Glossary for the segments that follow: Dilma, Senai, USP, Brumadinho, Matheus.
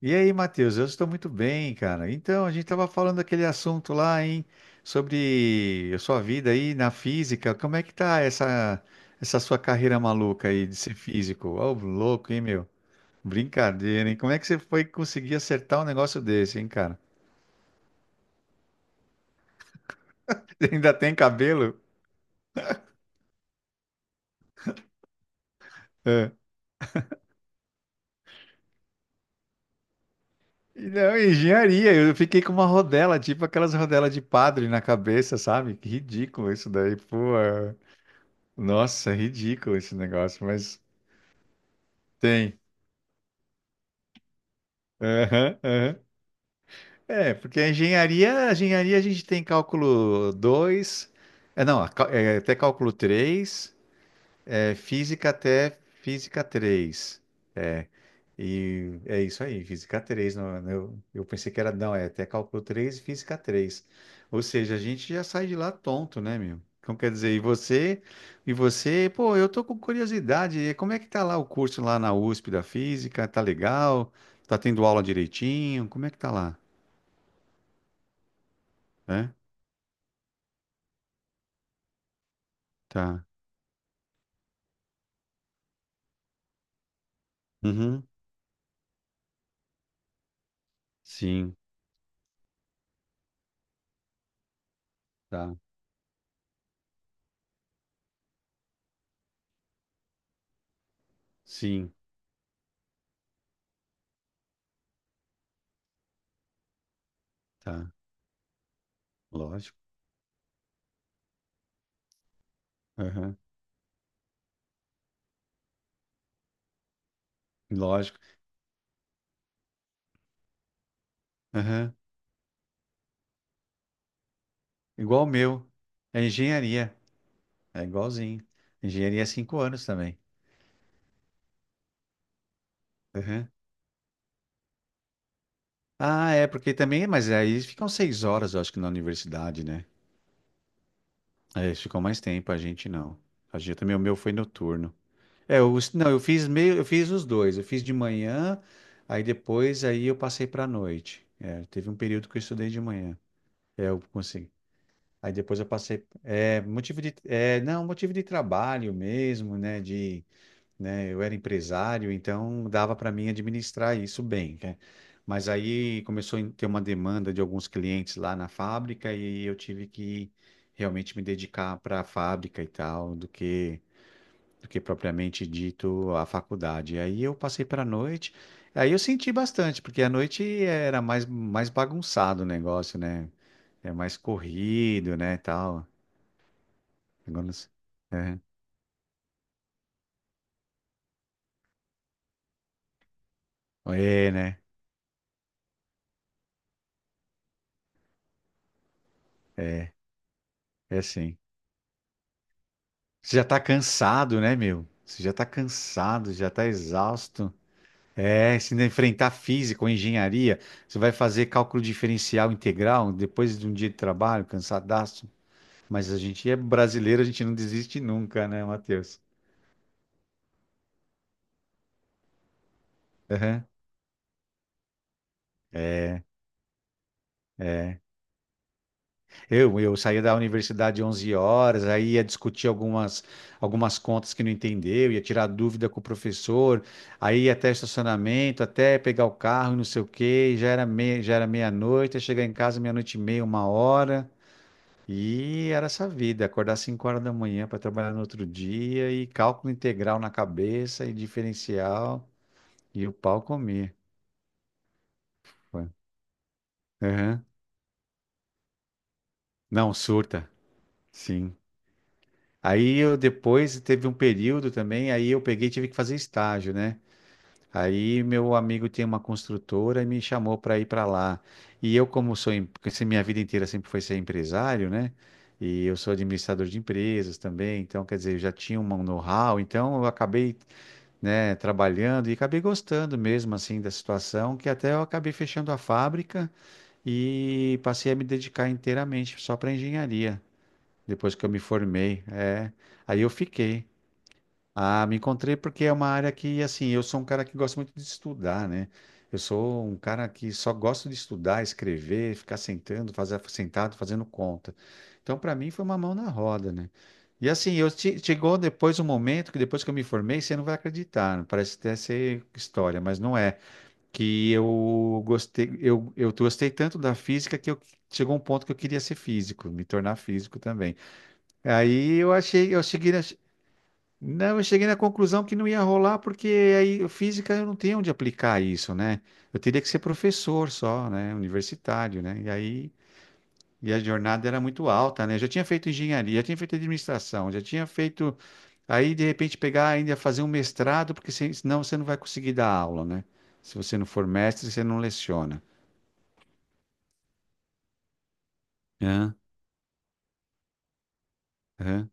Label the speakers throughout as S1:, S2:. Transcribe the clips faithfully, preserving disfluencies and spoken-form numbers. S1: E aí, Matheus, eu estou muito bem, cara. Então, a gente estava falando daquele assunto lá, hein, sobre a sua vida aí na física. Como é que tá essa essa sua carreira maluca aí de ser físico? Ô, louco, hein, meu? Brincadeira, hein? Como é que você foi conseguir acertar um negócio desse, hein, cara? Ainda tem cabelo? É. E não, engenharia. Eu fiquei com uma rodela, tipo aquelas rodelas de padre na cabeça, sabe? Que ridículo isso daí, pô. É. Nossa, ridículo esse negócio, mas tem. Aham, aham. É, porque a engenharia, a engenharia a gente tem cálculo dois, é, não, a cá- é, até cálculo três, é, física até física três, É, e é isso aí, física três. Não, não, eu, eu pensei que era, não, é até cálculo três e física três. Ou seja, a gente já sai de lá tonto, né, meu? Então, quer dizer, e você, e você, pô, eu tô com curiosidade, como é que tá lá o curso lá na USP da física? Tá legal? Tá tendo aula direitinho? Como é que tá lá? É? Tá. Uhum. Sim, tá. Sim, tá. Lógico. Aham. Lógico. Aham. Igual o meu. É engenharia. É igualzinho. Engenharia é cinco anos também. Aham. Ah, é, porque também, mas aí eles ficam seis horas, eu acho que na universidade, né? É, eles ficam mais tempo, a gente não. A gente também, o meu foi noturno. É, eu, não, eu fiz meio, eu fiz os dois. Eu fiz de manhã, aí depois aí eu passei pra noite. É, teve um período que eu estudei de manhã. É, eu consegui. Aí depois eu passei, é, motivo de, é, não, motivo de trabalho mesmo, né, de, né, eu era empresário, então dava para mim administrar isso bem, né? Mas aí começou a ter uma demanda de alguns clientes lá na fábrica e eu tive que realmente me dedicar para a fábrica e tal, do que, do que propriamente dito a faculdade. Aí eu passei para a noite, aí eu senti bastante, porque à noite era mais, mais bagunçado o negócio, né? É mais corrido, né, tal. Agora não sei. É, é, né? É assim. Você já tá cansado, né, meu? Você já tá cansado, já tá exausto. É, se ainda enfrentar física ou engenharia, você vai fazer cálculo diferencial integral depois de um dia de trabalho, cansadaço. Mas a gente é brasileiro, a gente não desiste nunca, né, Matheus? Aham. É, é. Eu, eu saía da universidade onze horas, aí ia discutir algumas, algumas contas que não entendeu, ia tirar dúvida com o professor, aí ia até estacionamento, até pegar o carro, e não sei o quê, já era meia, já era meia-noite, ia chegar em casa meia-noite e meia, uma hora, e era essa vida, acordar cinco horas da manhã para trabalhar no outro dia, e cálculo integral na cabeça, e diferencial, e o pau comia. Foi. Aham. Não, surta, sim. Aí eu depois teve um período também, aí eu peguei e tive que fazer estágio, né? Aí meu amigo tinha uma construtora e me chamou para ir para lá. E eu, como sou, em- porque se minha vida inteira sempre foi ser empresário, né? E eu sou administrador de empresas também, então quer dizer, eu já tinha um know-how, então eu acabei, né, trabalhando e acabei gostando mesmo assim da situação, que até eu acabei fechando a fábrica e passei a me dedicar inteiramente só para engenharia, depois que eu me formei, é. Aí eu fiquei. Ah, me encontrei porque é uma área que, assim, eu sou um cara que gosta muito de estudar, né? Eu sou um cara que só gosto de estudar, escrever, ficar sentando, fazer, sentado, fazendo conta. Então, para mim, foi uma mão na roda, né? E assim, eu che- chegou depois um momento que depois que eu me formei, você não vai acreditar, parece até ser história, mas não é. Que eu gostei, eu, eu gostei tanto da física que eu, chegou um ponto que eu queria ser físico, me tornar físico também. Aí eu achei, eu cheguei, não, eu cheguei na conclusão que não ia rolar, porque aí física eu não tenho onde aplicar isso, né? Eu teria que ser professor só, né? Universitário, né? E aí, e a jornada era muito alta, né? Eu já tinha feito engenharia, já tinha feito administração, já tinha feito. Aí, de repente, pegar ainda fazer um mestrado, porque se- senão você não vai conseguir dar aula, né? Se você não for mestre, você não leciona. Hã? Hã?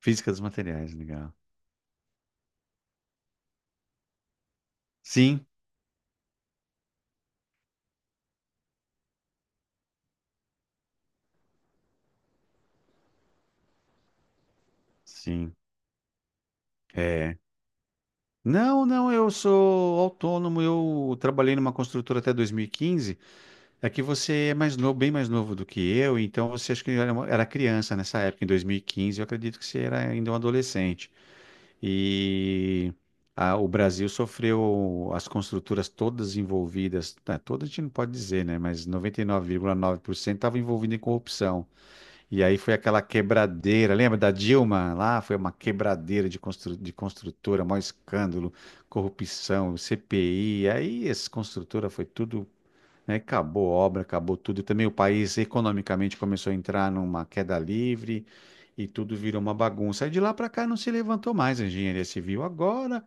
S1: Física dos materiais, legal. Sim, sim. É. Não, não, eu sou autônomo, eu trabalhei numa construtora até dois mil e quinze. É que você é mais novo, bem mais novo do que eu, então você acho que era, uma- era criança nessa época, em dois mil e quinze, eu acredito que você era ainda um adolescente. E a- o Brasil sofreu, as construtoras todas envolvidas, tá, todas a gente não pode dizer, né, mas noventa e nove vírgula nove por cento estavam envolvidas em corrupção. E aí foi aquela quebradeira, lembra da Dilma? Lá foi uma quebradeira de, constru- de construtora, maior escândalo, corrupção, C P I. Aí essa construtora foi tudo, né? Acabou a obra, acabou tudo. E também o país economicamente começou a entrar numa queda livre e tudo virou uma bagunça. Aí de lá para cá não se levantou mais a engenharia civil. Agora,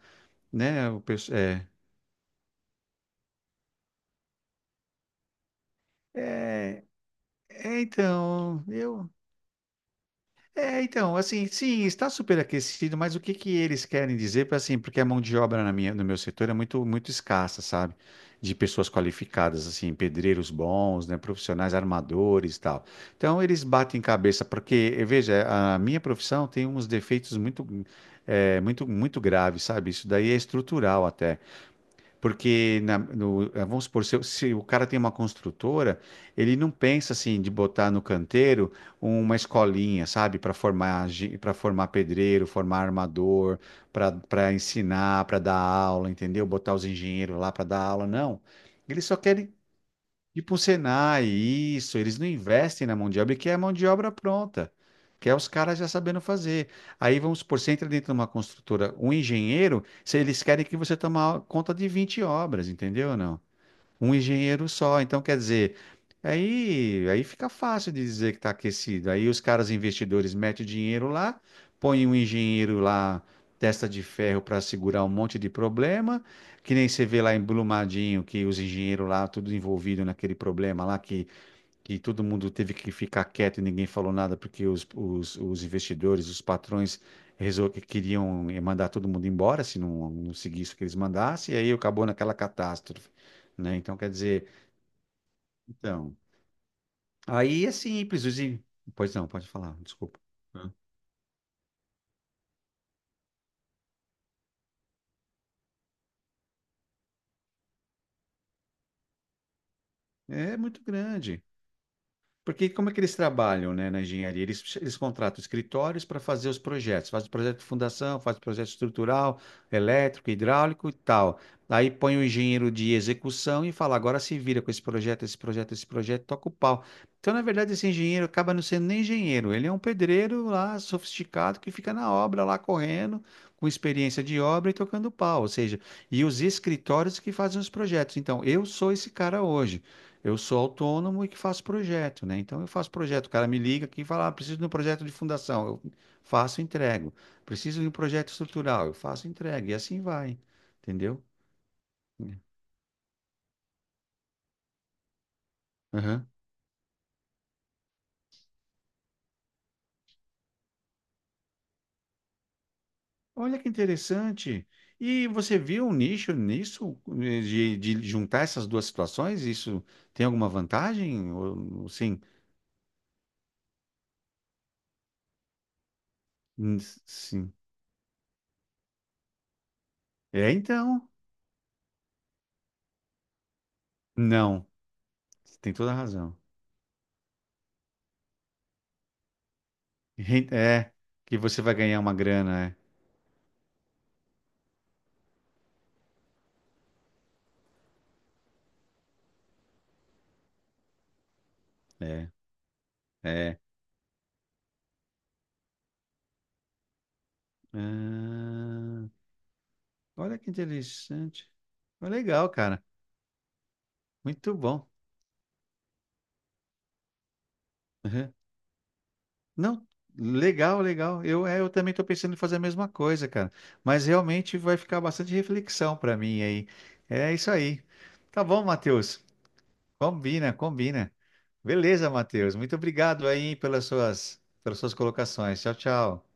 S1: né? O pessoal, é, é, é, então, eu É, então, assim, sim, está superaquecido, mas o que que eles querem dizer para assim, porque a mão de obra na minha, no meu setor é muito muito escassa, sabe? De pessoas qualificadas, assim, pedreiros bons, né, profissionais, armadores, e tal. Então eles batem cabeça, porque eh, veja, a minha profissão tem uns defeitos muito eh, muito muito graves, sabe? Isso daí é estrutural até. Porque, na- no- eh, vamos supor, se, o se o cara tem uma construtora, ele não pensa assim de botar no canteiro uma escolinha, sabe, para formar, para formar, pedreiro, formar armador, para para ensinar, para dar aula, entendeu? Botar os engenheiros lá para dar aula, não. Eles só querem tipo um Senai, isso, eles não investem na mão de obra, que é a mão de obra pronta, que é os caras já sabendo fazer. Aí vamos supor, você entra dentro de uma construtora, um engenheiro, se eles querem que você tome conta de vinte obras, entendeu ou não? Um engenheiro só. Então, quer dizer, aí, aí fica fácil de dizer que está aquecido. Aí os caras investidores metem o dinheiro lá, põem um engenheiro lá, testa de ferro para segurar um monte de problema, que nem você vê lá em Brumadinho, que os engenheiros lá, tudo envolvido naquele problema lá, que que todo mundo teve que ficar quieto e ninguém falou nada porque os, os, os investidores, os patrões resol- que queriam eh, mandar todo mundo embora se não, não seguisse o que eles mandassem, e aí acabou naquela catástrofe, né? Então, quer dizer, então, aí é simples, os in- pois não, pode falar, desculpa. É muito grande. Porque como é que eles trabalham, né, na engenharia? Eles, eles contratam escritórios para fazer os projetos. Faz o projeto de fundação, faz o projeto estrutural, elétrico, hidráulico e tal. Aí põe o engenheiro de execução e fala, agora se vira com esse projeto, esse projeto, esse projeto, toca o pau. Então, na verdade, esse engenheiro acaba não sendo nem engenheiro. Ele é um pedreiro lá, sofisticado, que fica na obra lá, correndo, com experiência de obra e tocando pau. Ou seja, e os escritórios que fazem os projetos. Então, eu sou esse cara hoje. Eu sou autônomo e que faço projeto, né? Então eu faço projeto. O cara me liga aqui e fala: ah, preciso de um projeto de fundação. Eu faço, e entrego. Preciso de um projeto estrutural. Eu faço, e entrego. E assim vai. Entendeu? Aham. Olha que interessante. E você viu um nicho nisso, eh, de, de juntar essas duas situações? Isso tem alguma vantagem? Ou, sim, Hum, sim. É, então? Não. Você tem toda a razão. É, que você vai ganhar uma grana, é. É. É. Ah, olha que interessante. Ah, legal, cara. Muito bom. Uhum. Não, legal, legal. Eu, é, eu também estou pensando em fazer a mesma coisa, cara. Mas realmente vai ficar bastante reflexão para mim aí. É isso aí. Tá bom, Matheus. Combina, combina. Beleza, Matheus. Muito obrigado aí pelas suas, pelas suas colocações. Tchau, tchau.